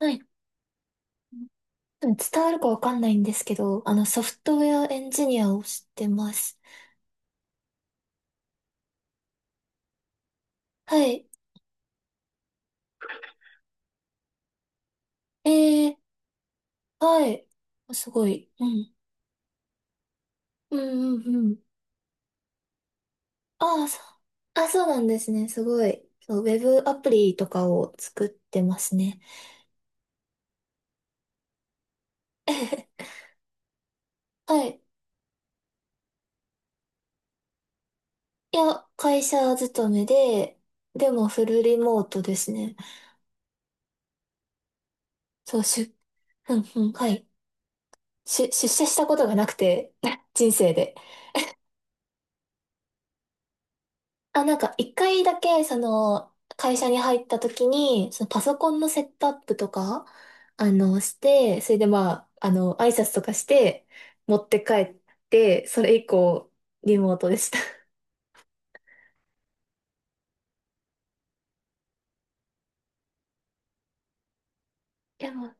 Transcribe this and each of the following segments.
はい。多分伝わるかわかんないんですけど、ソフトウェアエンジニアをしてます。はい。ええ、はい。すごい。うん。うんうんうん。ああ、そう。あ、そうなんですね。すごい。そう、ウェブアプリとかを作ってますね。はい。いや、会社勤めで、でもフルリモートですね。そう、うんうん、はい。出社したことがなくて、人生で。あ、なんか一回だけ、その、会社に入った時に、そのパソコンのセットアップとか、して、それで挨拶とかして、持って帰って、それ以降、リモートでした。いや、まあ、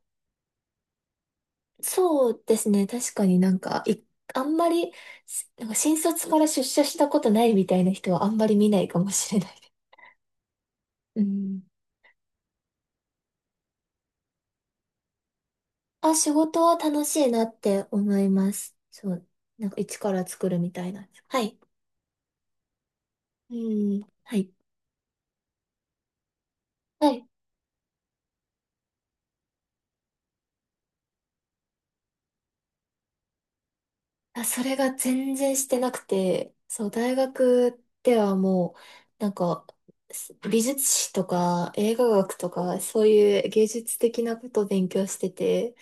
そうですね。確かになんか、あんまり、なんか新卒から出社したことないみたいな人はあんまり見ないかもしれないです。うん。あ、仕事は楽しいなって思います。そう。なんか一から作るみたいな。はい。うん。はい。はい。あ、それが全然してなくて、そう、大学ではもう、なんか、す美術史とか映画学とか、そういう芸術的なことを勉強してて、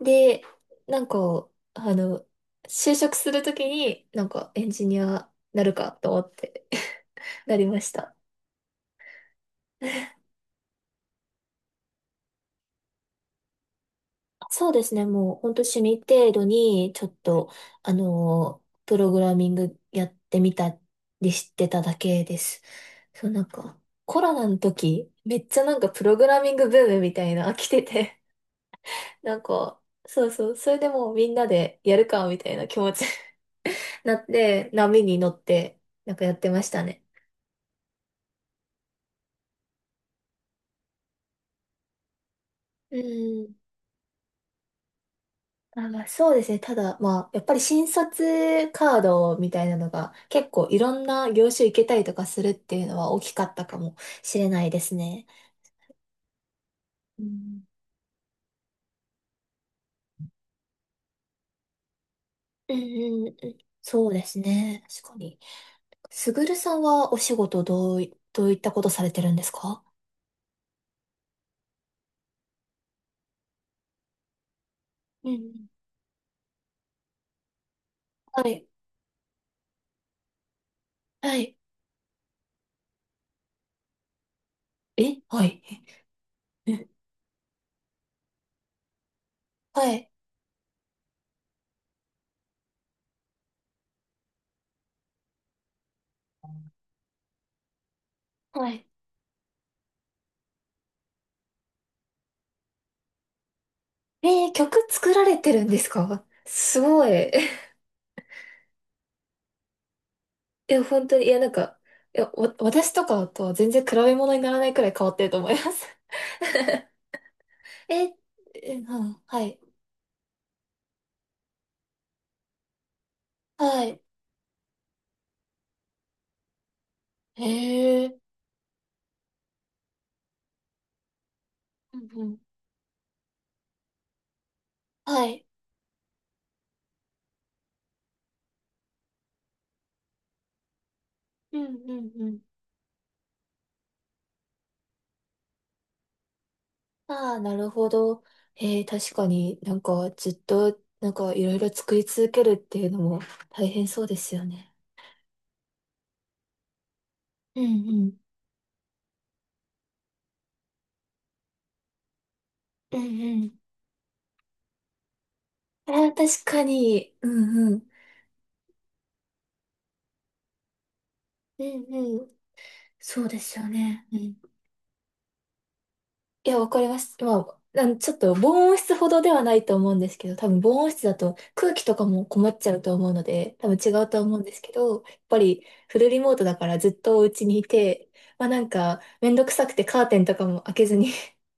で、なんか、あの、就職するときに、なんかエンジニアなるかと思って なりました。そうですね。もう本当趣味程度に、ちょっと、プログラミングやってみたりしてただけです。そう、なんか、コロナの時、めっちゃなんかプログラミングブームみたいな、来てて、なんか、そうそう、それでもうみんなでやるか、みたいな気持ちになって、波に乗って、なんかやってましたね。うん。あ、そうですね。ただ、まあ、やっぱり新卒カードみたいなのが結構いろんな業種行けたりとかするっていうのは大きかったかもしれないですね。うん、うん、うんうんそうですね。確かに。すぐるさんはお仕事どういったことされてるんですか？うんうん。はい。はい。えはい。えはい。はい。えー曲作られてるんですか？ すごい。いや、本当に、いや、なんか、私とかとは全然比べ物にならないくらい変わってると思います。え、え、うん、はい。はい。へえ。うんうん。はい。うんうんうん。ああ、なるほど。えー、確かになんかずっとなんかいろいろ作り続けるっていうのも大変そうですよね。うんうん。うんうん。ああ、確かに。うんうん。うんうん。そうですよね。うん。いや、わかります。まあ、なんちょっと防音室ほどではないと思うんですけど、多分防音室だと空気とかも困っちゃうと思うので、多分違うと思うんですけど、やっぱりフルリモートだからずっとお家にいて、まあなんかめんどくさくてカーテンとかも開けずに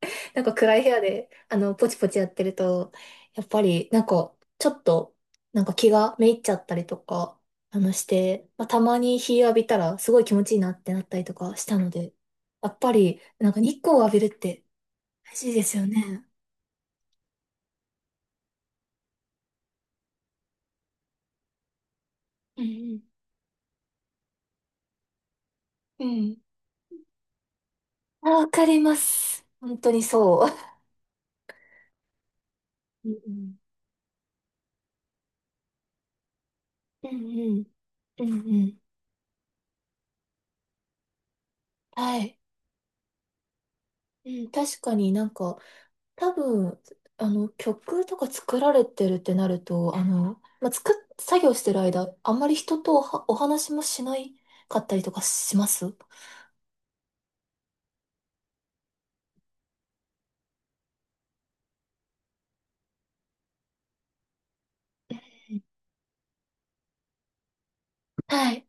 なんか暗い部屋で、ポチポチやってると、やっぱりなんかちょっと、なんか気がめいっちゃったりとか、して、まあたまに日浴びたらすごい気持ちいいなってなったりとかしたので、やっぱりなんか日光を浴びるって、大事ですよね。うんうん。うん。あ、わかります。本当にそう。うんうんうん。うんうん。はい。うん、確かになんか、多分、曲とか作られてるってなると、作業してる間、あんまり人とお話もしないかったりとかします？はい。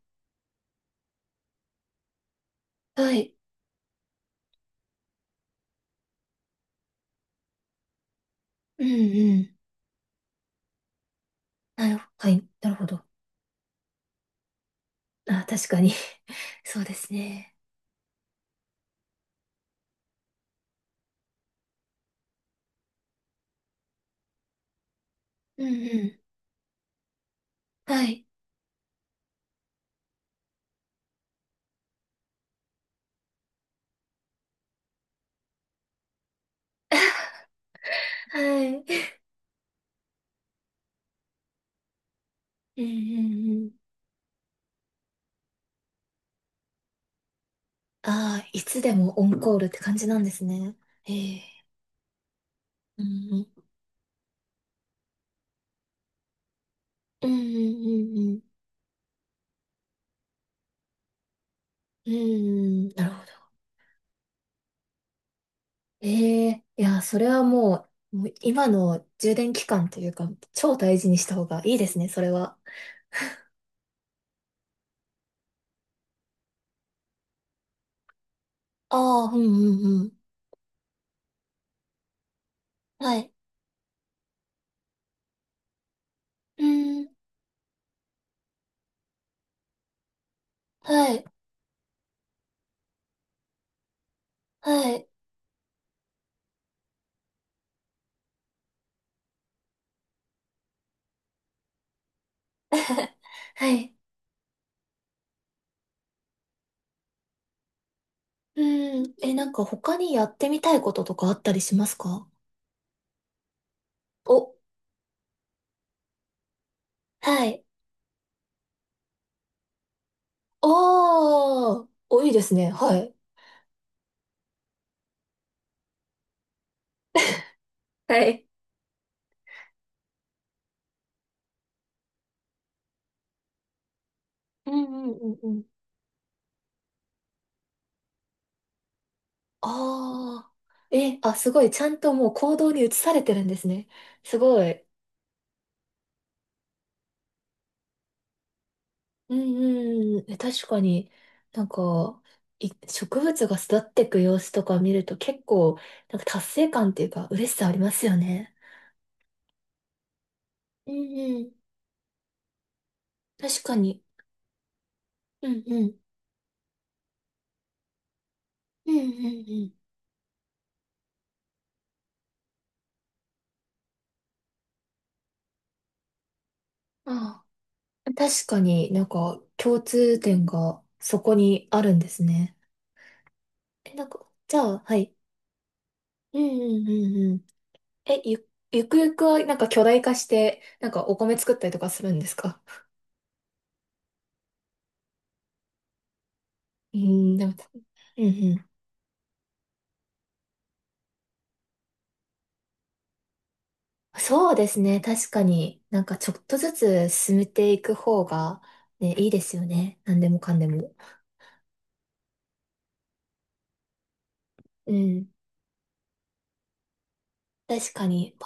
はい。うんうん。なるほ、はい、なるほど。あ、確かに。そうですね。うんうん。はい。はい。うんうんうん。ああ、いつでもオンコールって感じなんですね。ええ。うんうんうんうんうん。うん、なるほど。ええ、いや、それはもう、もう今の充電期間というか、超大事にした方がいいですね、それは。ああ、うんうんうん。はい。うん、はい、はい。はい。うん、え、なんか他にやってみたいこととかあったりしますか？お、はい。おー、お、いいですね。はい。はいうんうんうんうん。ああ。え、あ、すごい。ちゃんともう行動に移されてるんですね。すごい。うんうんうん。え、確かに、なんか、植物が育っていく様子とか見ると結構、なんか達成感っていうか、嬉しさありますよね。うんうん。確かに。うんうん。うんうんうん。ああ。確かになんか共通点がそこにあるんですね。え、なんか、じゃあ、はい。うんうんうんうん。え、ゆ、ゆくゆくはなんか巨大化して、なんかお米作ったりとかするんですか？うん、でも、うんうん。そうですね。確かになんかちょっとずつ進めていく方が、ね、いいですよね。何でもかんでも。うん。確かに、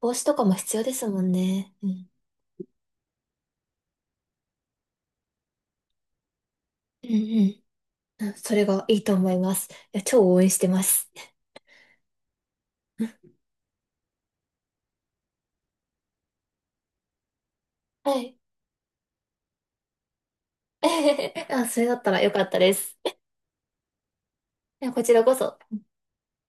帽子とかも必要ですもんね。うん。うんうん。うん。それがいいと思います。いや、超応援してます。はい。あ、それだったらよかったです。いやこちらこそ。